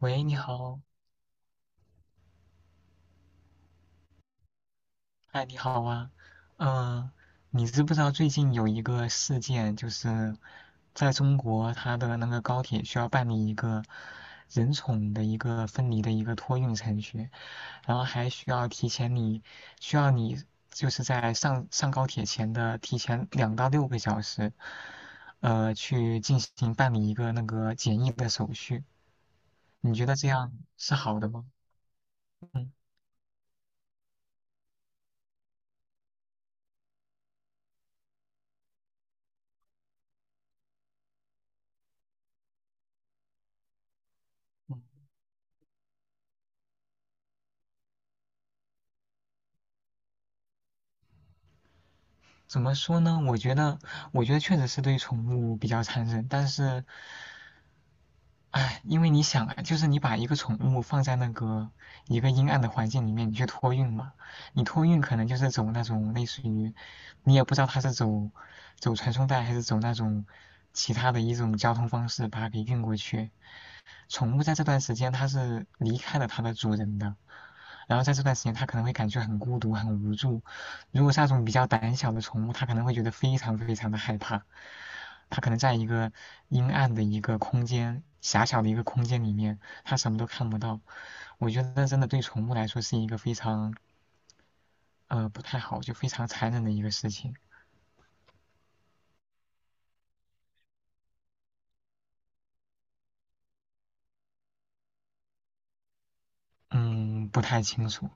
喂，你好，哎，你好啊，嗯、你知不知道最近有一个事件，就是在中国，它的那个高铁需要办理一个人宠的一个分离的一个托运程序，然后还需要提前你需要你就是在上高铁前的提前两到六个小时，去进行办理一个那个检疫的手续，你觉得这样是好的吗？嗯。怎么说呢？我觉得确实是对宠物比较残忍，但是，哎，因为你想啊，就是你把一个宠物放在那个一个阴暗的环境里面，你去托运嘛，你托运可能就是走那种类似于，你也不知道它是走传送带还是走那种其他的一种交通方式把它给运过去。宠物在这段时间它是离开了它的主人的，然后在这段时间它可能会感觉很孤独、很无助。如果是那种比较胆小的宠物，它可能会觉得非常非常的害怕。它可能在一个阴暗的一个空间，狭小的一个空间里面，它什么都看不到。我觉得真的对宠物来说是一个非常不太好，就非常残忍的一个事情。嗯，不太清楚。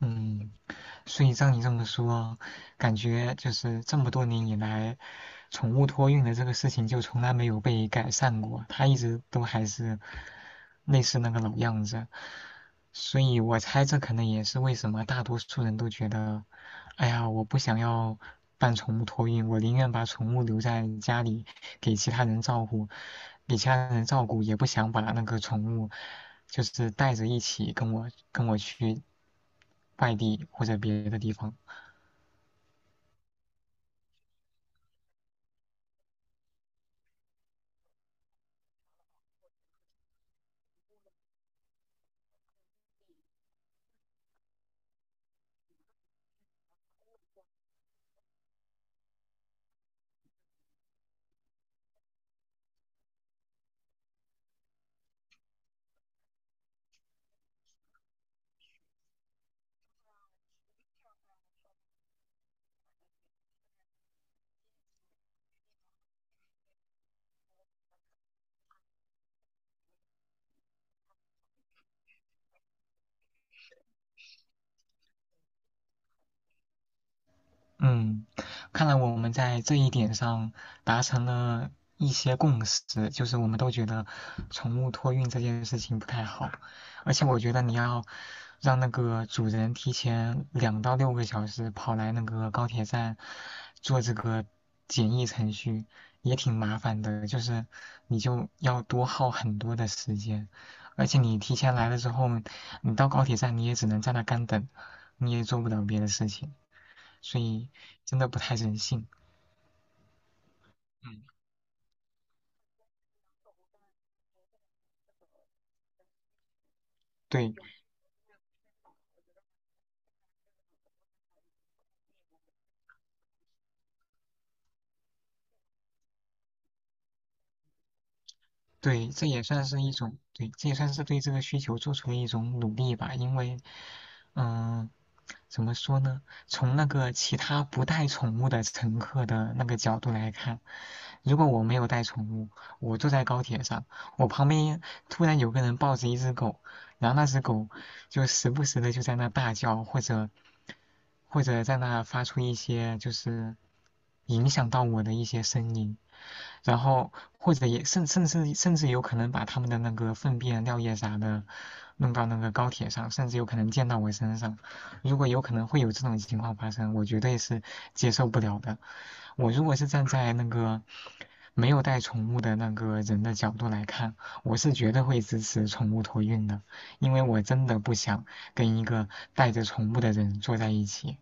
嗯，所以照你这么说，感觉就是这么多年以来，宠物托运的这个事情就从来没有被改善过，它一直都还是类似那个老样子。所以我猜这可能也是为什么大多数人都觉得，哎呀，我不想要办宠物托运，我宁愿把宠物留在家里给其他人照顾，给其他人照顾，也不想把那个宠物就是带着一起跟我去外地或者别的地方。嗯，看来我们在这一点上达成了一些共识，就是我们都觉得宠物托运这件事情不太好，而且我觉得你要让那个主人提前两到六个小时跑来那个高铁站做这个检疫程序，也挺麻烦的，就是你就要多耗很多的时间，而且你提前来了之后，你到高铁站你也只能在那干等，你也做不了别的事情。所以真的不太人性。嗯，对对，这也算是一种，对，这也算是对这个需求做出了一种努力吧。因为，嗯、怎么说呢？从那个其他不带宠物的乘客的那个角度来看，如果我没有带宠物，我坐在高铁上，我旁边突然有个人抱着一只狗，然后那只狗就时不时的就在那大叫，或者在那发出一些就是影响到我的一些声音，然后或者也甚至有可能把他们的那个粪便、尿液啥的弄到那个高铁上，甚至有可能溅到我身上。如果有可能会有这种情况发生，我绝对是接受不了的。我如果是站在那个没有带宠物的那个人的角度来看，我是绝对会支持宠物托运的，因为我真的不想跟一个带着宠物的人坐在一起。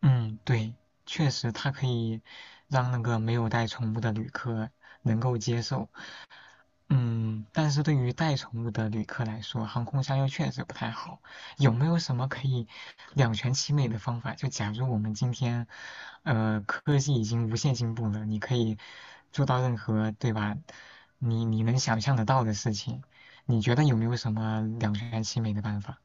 嗯，对，确实它可以让那个没有带宠物的旅客能够接受，嗯，但是对于带宠物的旅客来说，航空箱又确实不太好。有没有什么可以两全其美的方法？就假如我们今天，科技已经无限进步了，你可以做到任何，对吧？你能想象得到的事情，你觉得有没有什么两全其美的办法？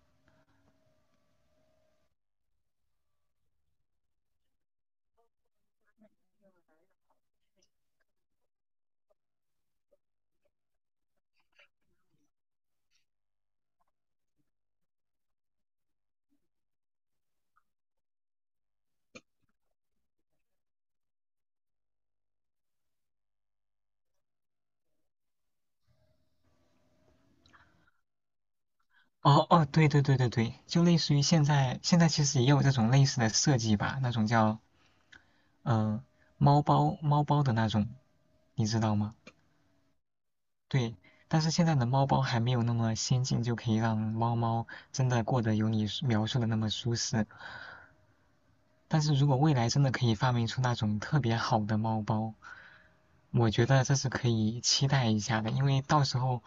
哦哦，对对对对对，就类似于现在，现在其实也有这种类似的设计吧，那种叫嗯、呃猫包的那种，你知道吗？对，但是现在的猫包还没有那么先进，就可以让猫猫真的过得有你说描述的那么舒适。但是如果未来真的可以发明出那种特别好的猫包，我觉得这是可以期待一下的，因为到时候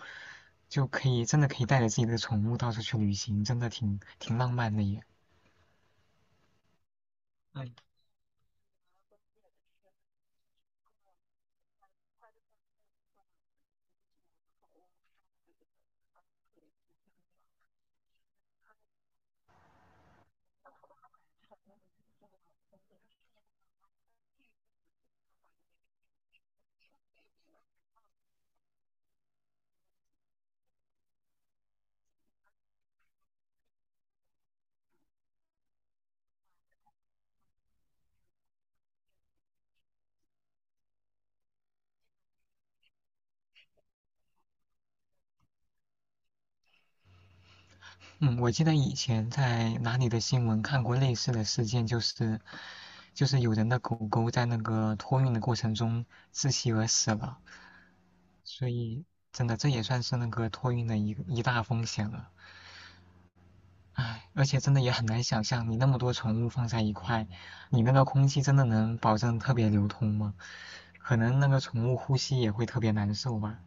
就可以真的可以带着自己的宠物到处去旅行，真的挺挺浪漫的耶。嗯嗯，我记得以前在哪里的新闻看过类似的事件，就是有人的狗狗在那个托运的过程中窒息而死了。所以真的这也算是那个托运的一大风险了。唉，而且真的也很难想象，你那么多宠物放在一块，你那个空气真的能保证特别流通吗？可能那个宠物呼吸也会特别难受吧，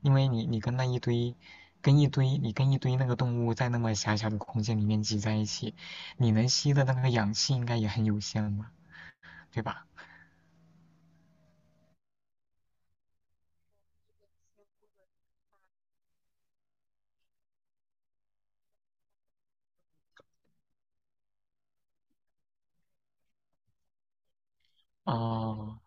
因为你跟那一堆，跟一堆那个动物在那么狭小的空间里面挤在一起，你能吸的那个氧气应该也很有限嘛，对吧？哦，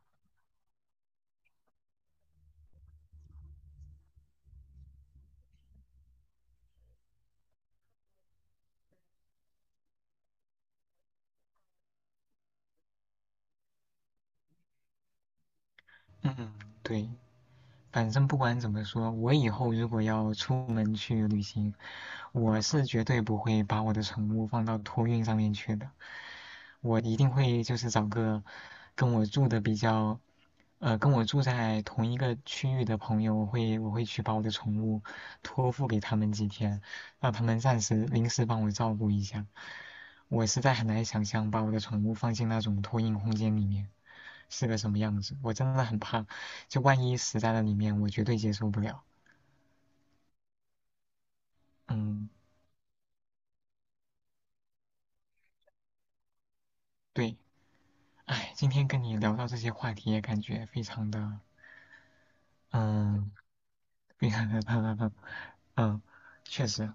嗯，对，反正不管怎么说，我以后如果要出门去旅行，我是绝对不会把我的宠物放到托运上面去的。我一定会就是找个跟我住的比较，跟我住在同一个区域的朋友，我会去把我的宠物托付给他们几天，让他们暂时临时帮我照顾一下。我实在很难想象把我的宠物放进那种托运空间里面。是个什么样子，我真的很怕，就万一死在了里面，我绝对接受不了。嗯，对，哎，今天跟你聊到这些话题，也感觉非常的，嗯，非常的，嗯，确实。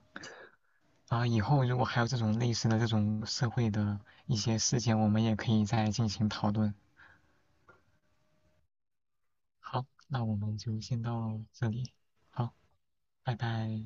啊，以后如果还有这种类似的这种社会的一些事件，我们也可以再进行讨论。好，那我们就先到这里，好，拜拜。